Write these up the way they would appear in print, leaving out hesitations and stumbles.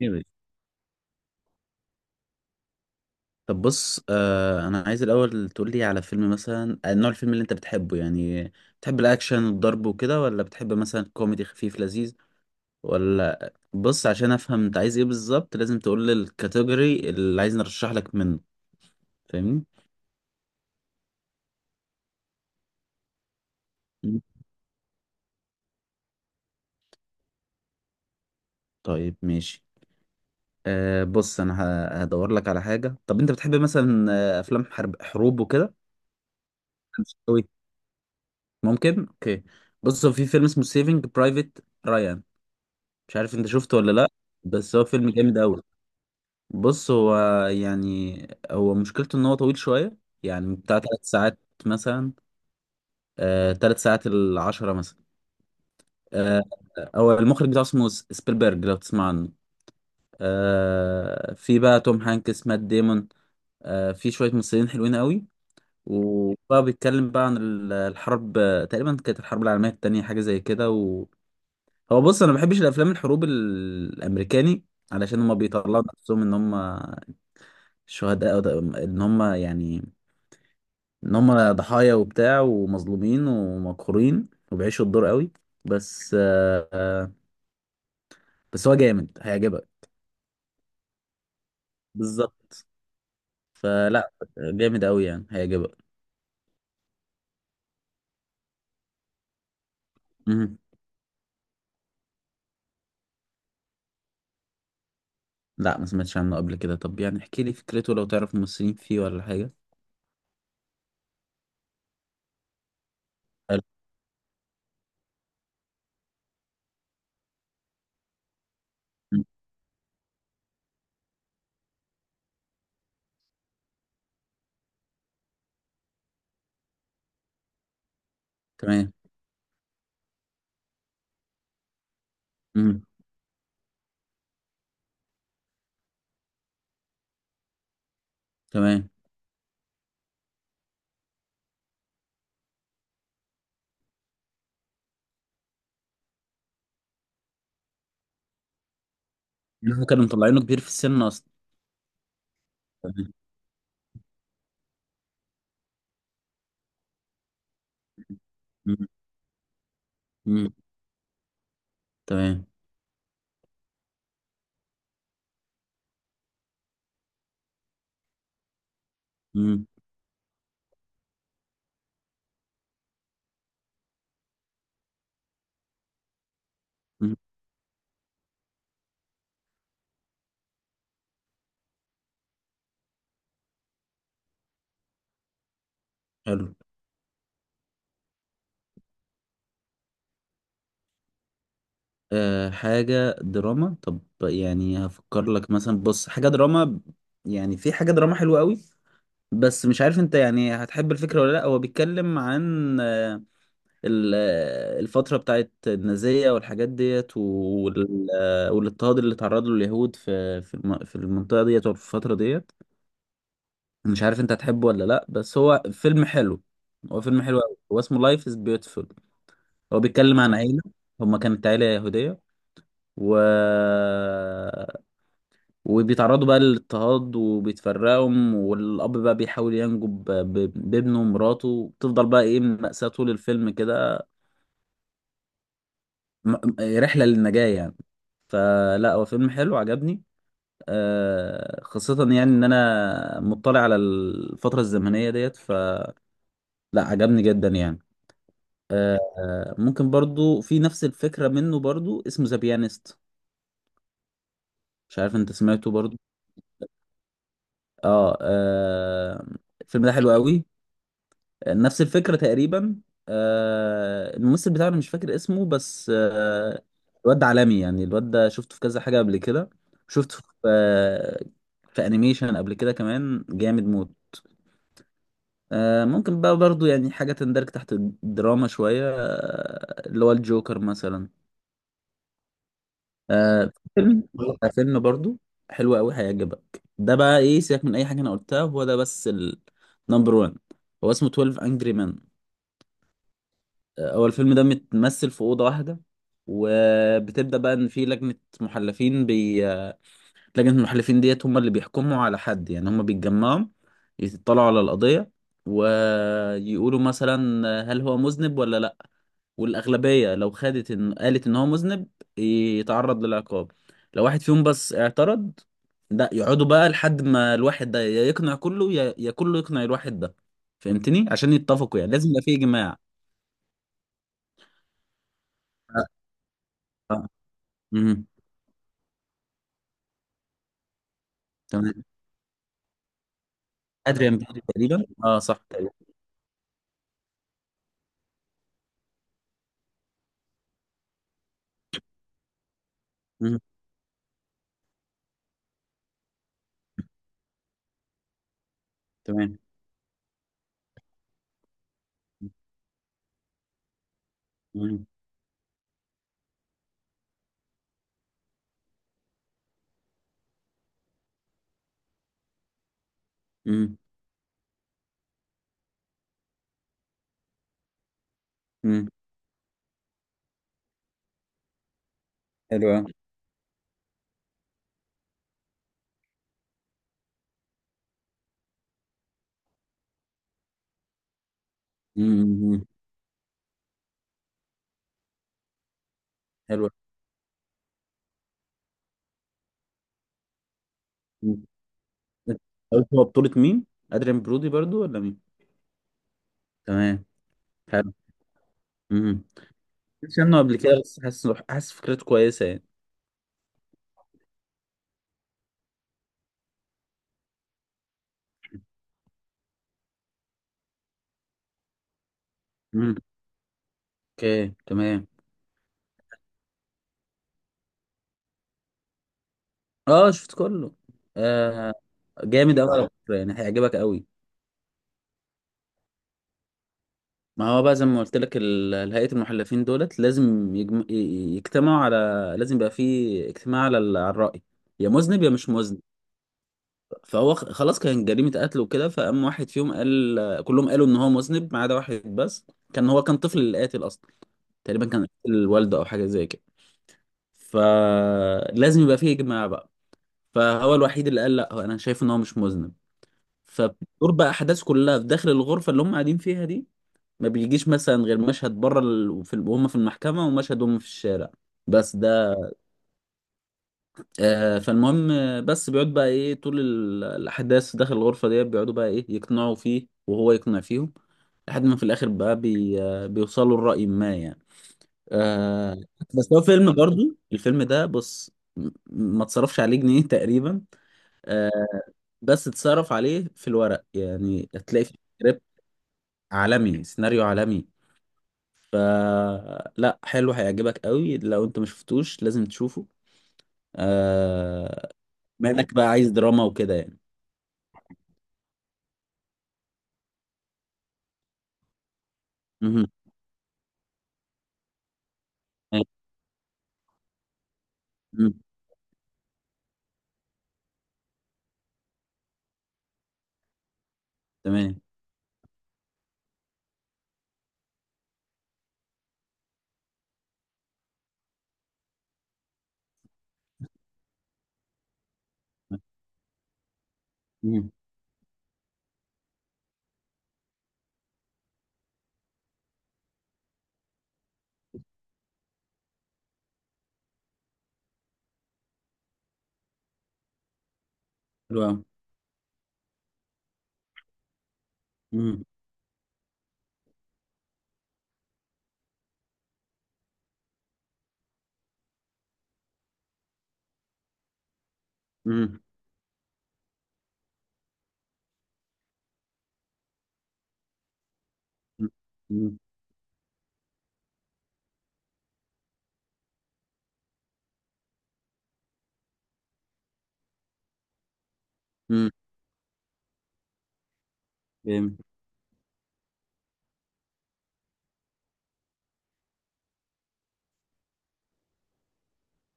جامد. طب بص انا عايز الاول تقول لي على فيلم مثلا نوع الفيلم اللي انت بتحبه، يعني بتحب الاكشن والضرب وكده، ولا بتحب مثلا كوميدي خفيف لذيذ، ولا بص عشان افهم انت عايز ايه بالظبط. لازم تقول لي الكاتيجوري اللي عايز نرشح لك منه. فاهمني؟ مم. طيب ماشي. بص انا هدور لك على حاجة. طب انت بتحب مثلا افلام حرب، حروب وكده؟ مش قوي. ممكن اوكي. بص هو في فيلم اسمه سيفنج برايفت رايان، مش عارف انت شفته ولا لا، بس هو فيلم جامد قوي. بص هو، يعني هو مشكلته ان هو طويل شوية، يعني بتاع ثلاث ساعات مثلا. آه ثلاث ساعات العشرة مثلا. آه، هو المخرج بتاعه اسمه سبيلبرج، لو تسمع عنه. آه، في بقى توم هانكس، مات ديمون، آه، في شوية ممثلين حلوين قوي. وبقى بيتكلم بقى عن الحرب، تقريبا كانت الحرب العالمية التانية، حاجة زي كده. وهو، بص انا ما بحبش الافلام الحروب الامريكاني، علشان هما بيطلعوا نفسهم ان هما شهداء، أو ان هما يعني ان هم ضحايا وبتاع، ومظلومين ومقهورين، وبيعيشوا الدور قوي. بس بس هو جامد، هيعجبك. بالظبط. فلا، جامد قوي، يعني هيعجبك. مهم. لا ما سمعتش عنه قبل كده. طب يعني احكي لي فكرته، لو تعرف ممثلين فيه ولا حاجة. حلو. مم. تمام. مم. تمام. يعني هو كانوا مطلعينه كبير في السن اصلا؟ تمام. مم. مم. تمام. مم. مم. حلو أه حاجة دراما طب يعني هفكر لك مثلا بص حاجة دراما يعني في حاجة دراما حلوة قوي بس مش عارف انت يعني هتحب الفكرة ولا لا هو بيتكلم عن آه، ال- آه، الفترة بتاعت النازية والحاجات ديت وال- آه، والاضطهاد اللي تعرض له اليهود في في الم- في المنطقة ديت وفي الفترة ديت مش عارف انت هتحبه ولا لا بس هو فيلم حلو هو فيلم حلو قوي هو اسمه لايف از بيوتيفول هو بيتكلم عن عيلة هما كانت عيلة يهودية و وبيتعرضوا بقى للاضطهاد وبيتفرقوا والأب بقى بيحاول ينجو ب- ب- بابنه ومراته بتفضل بقى إيه مأساة طول الفيلم كده م- رحلة للنجاة يعني فلا هو فيلم حلو عجبني آه، خاصة يعني إن أنا مطلع على الفترة الزمنية ديت فلا عجبني جدا يعني آه، آه، ممكن برضو في نفس الفكرة منه برضو اسمه ذا بيانست مش عارف أنت سمعته برضو آه, آه الفيلم ده حلو قوي نفس الفكرة تقريبا آه، الممثل بتاعنا مش فاكر اسمه بس آه، الواد ده عالمي يعني الواد ده شفته في كذا حاجة قبل كده شفته في آه، في انيميشن قبل كده كمان جامد موت آه، ممكن بقى برضو يعني حاجة تندرج تحت الدراما شوية آه، اللي هو الجوكر مثلا آه، في فيلم آه، فيلم برضو حلو قوي هيعجبك ده بقى ايه سيبك من اي حاجة انا قلتها هو ده بس النمبر 1 هو اسمه 12 Angry Men آه، هو الفيلم ده متمثل في أوضة واحدة وبتبدأ بقى إن في لجنة محلفين بي... آه، لجنة المحلفين ديت هم اللي بيحكموا على حد يعني هم بيتجمعوا يطلعوا على القضية ويقولوا مثلا هل هو مذنب ولا لأ والأغلبية لو خدت إن قالت إن هو مذنب يتعرض للعقاب لو واحد فيهم بس اعترض ده يقعدوا بقى لحد ما الواحد ده يا يقنع كله يا يا كله يقنع الواحد ده فهمتني عشان يتفقوا يعني لازم يبقى في إجماع آه. مهم. تمام ادريان بيلي تقريبا اه صح تقريبا مم. تمام مم. مم. مم. حلو أوي. مم. مم. حلو. مم. قلت هو بطولة مين؟ ادريان برودي برضو ولا مين؟ تمام. حلو. امم. مش عنه قبل كده، بس حاسس حاسس فكرته كويسة يعني. امم. اوكي تمام. اه شفت كله. آه. جامد قوي على فكرة، يعني هيعجبك قوي. ما هو بقى زي ما قلت لك، هيئة المحلفين دولت لازم يجتمعوا على، لازم يبقى في اجتماع على على الرأي، يا مذنب يا مش مذنب. فهو خلاص كان جريمة قتل وكده، فقام واحد فيهم قال، كلهم قالوا ان هو مذنب ما عدا واحد بس. كان هو كان طفل اللي قاتل اصلا، تقريبا كان قاتل الوالدة او حاجة زي كده. فلازم يبقى في اجماع بقى. فهو الوحيد اللي قال لا، هو انا شايف ان هو مش مذنب. فبتدور بقى احداث كلها في داخل الغرفة اللي هم قاعدين فيها دي. ما بيجيش مثلا غير مشهد بره ال...، وفي وهم في المحكمة، ومشهد هم في الشارع، بس ده. آه، فالمهم بس بيقعد بقى ايه طول الأحداث داخل الغرفة دي. بيقعدوا بقى ايه يقنعوا فيه وهو يقنع فيهم، لحد ما في الآخر بقى بي... آه، بيوصلوا لرأي ما يعني. آه. بس هو فيلم برضو، الفيلم ده بص، ما اتصرفش عليه جنيه تقريبا. آه، بس اتصرف عليه في الورق، يعني هتلاقي في سكريبت عالمي، سيناريو عالمي. فلا حلو، هيعجبك قوي. لو انت ما شفتوش لازم تشوفه. آه... بما انك بقى عايز دراما وكده يعني. مهم. مهم. تمام. مهم. حلو قوي. مهم. مهم. مهم. مهم. جامد.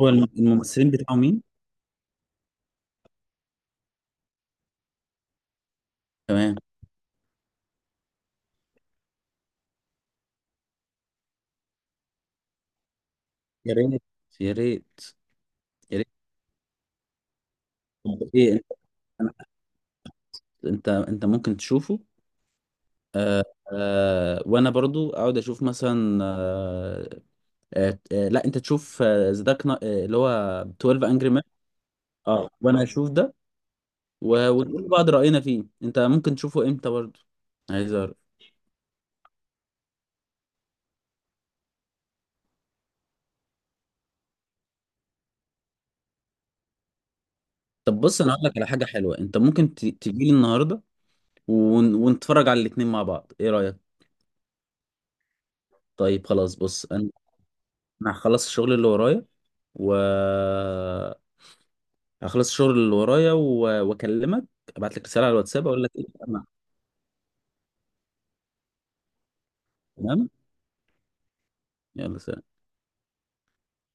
هو الممثلين بتاعه مين؟ تمام. يا ريت، يا ريت، يا ريت. طب ايه، انت، انت ممكن تشوفه. آه. آه، وانا برضو اقعد اشوف مثلا آه، لا، انت تشوف ذا دارك، اللي هو 12 انجري. اه وانا اشوف ده. ونقول لبعض راينا فيه. انت ممكن تشوفه امتى برضه؟ عايز اعرف. طب بص انا هقول لك على حاجه حلوه، انت ممكن تجيلي النهارده، ونتفرج على الاتنين مع بعض، ايه رايك؟ طيب خلاص. بص انا، أنا هخلص الشغل اللي ورايا و، هخلص الشغل اللي ورايا و... واكلمك، ابعت لك رساله على الواتساب اقول لك ايه تمام. يلا سلام.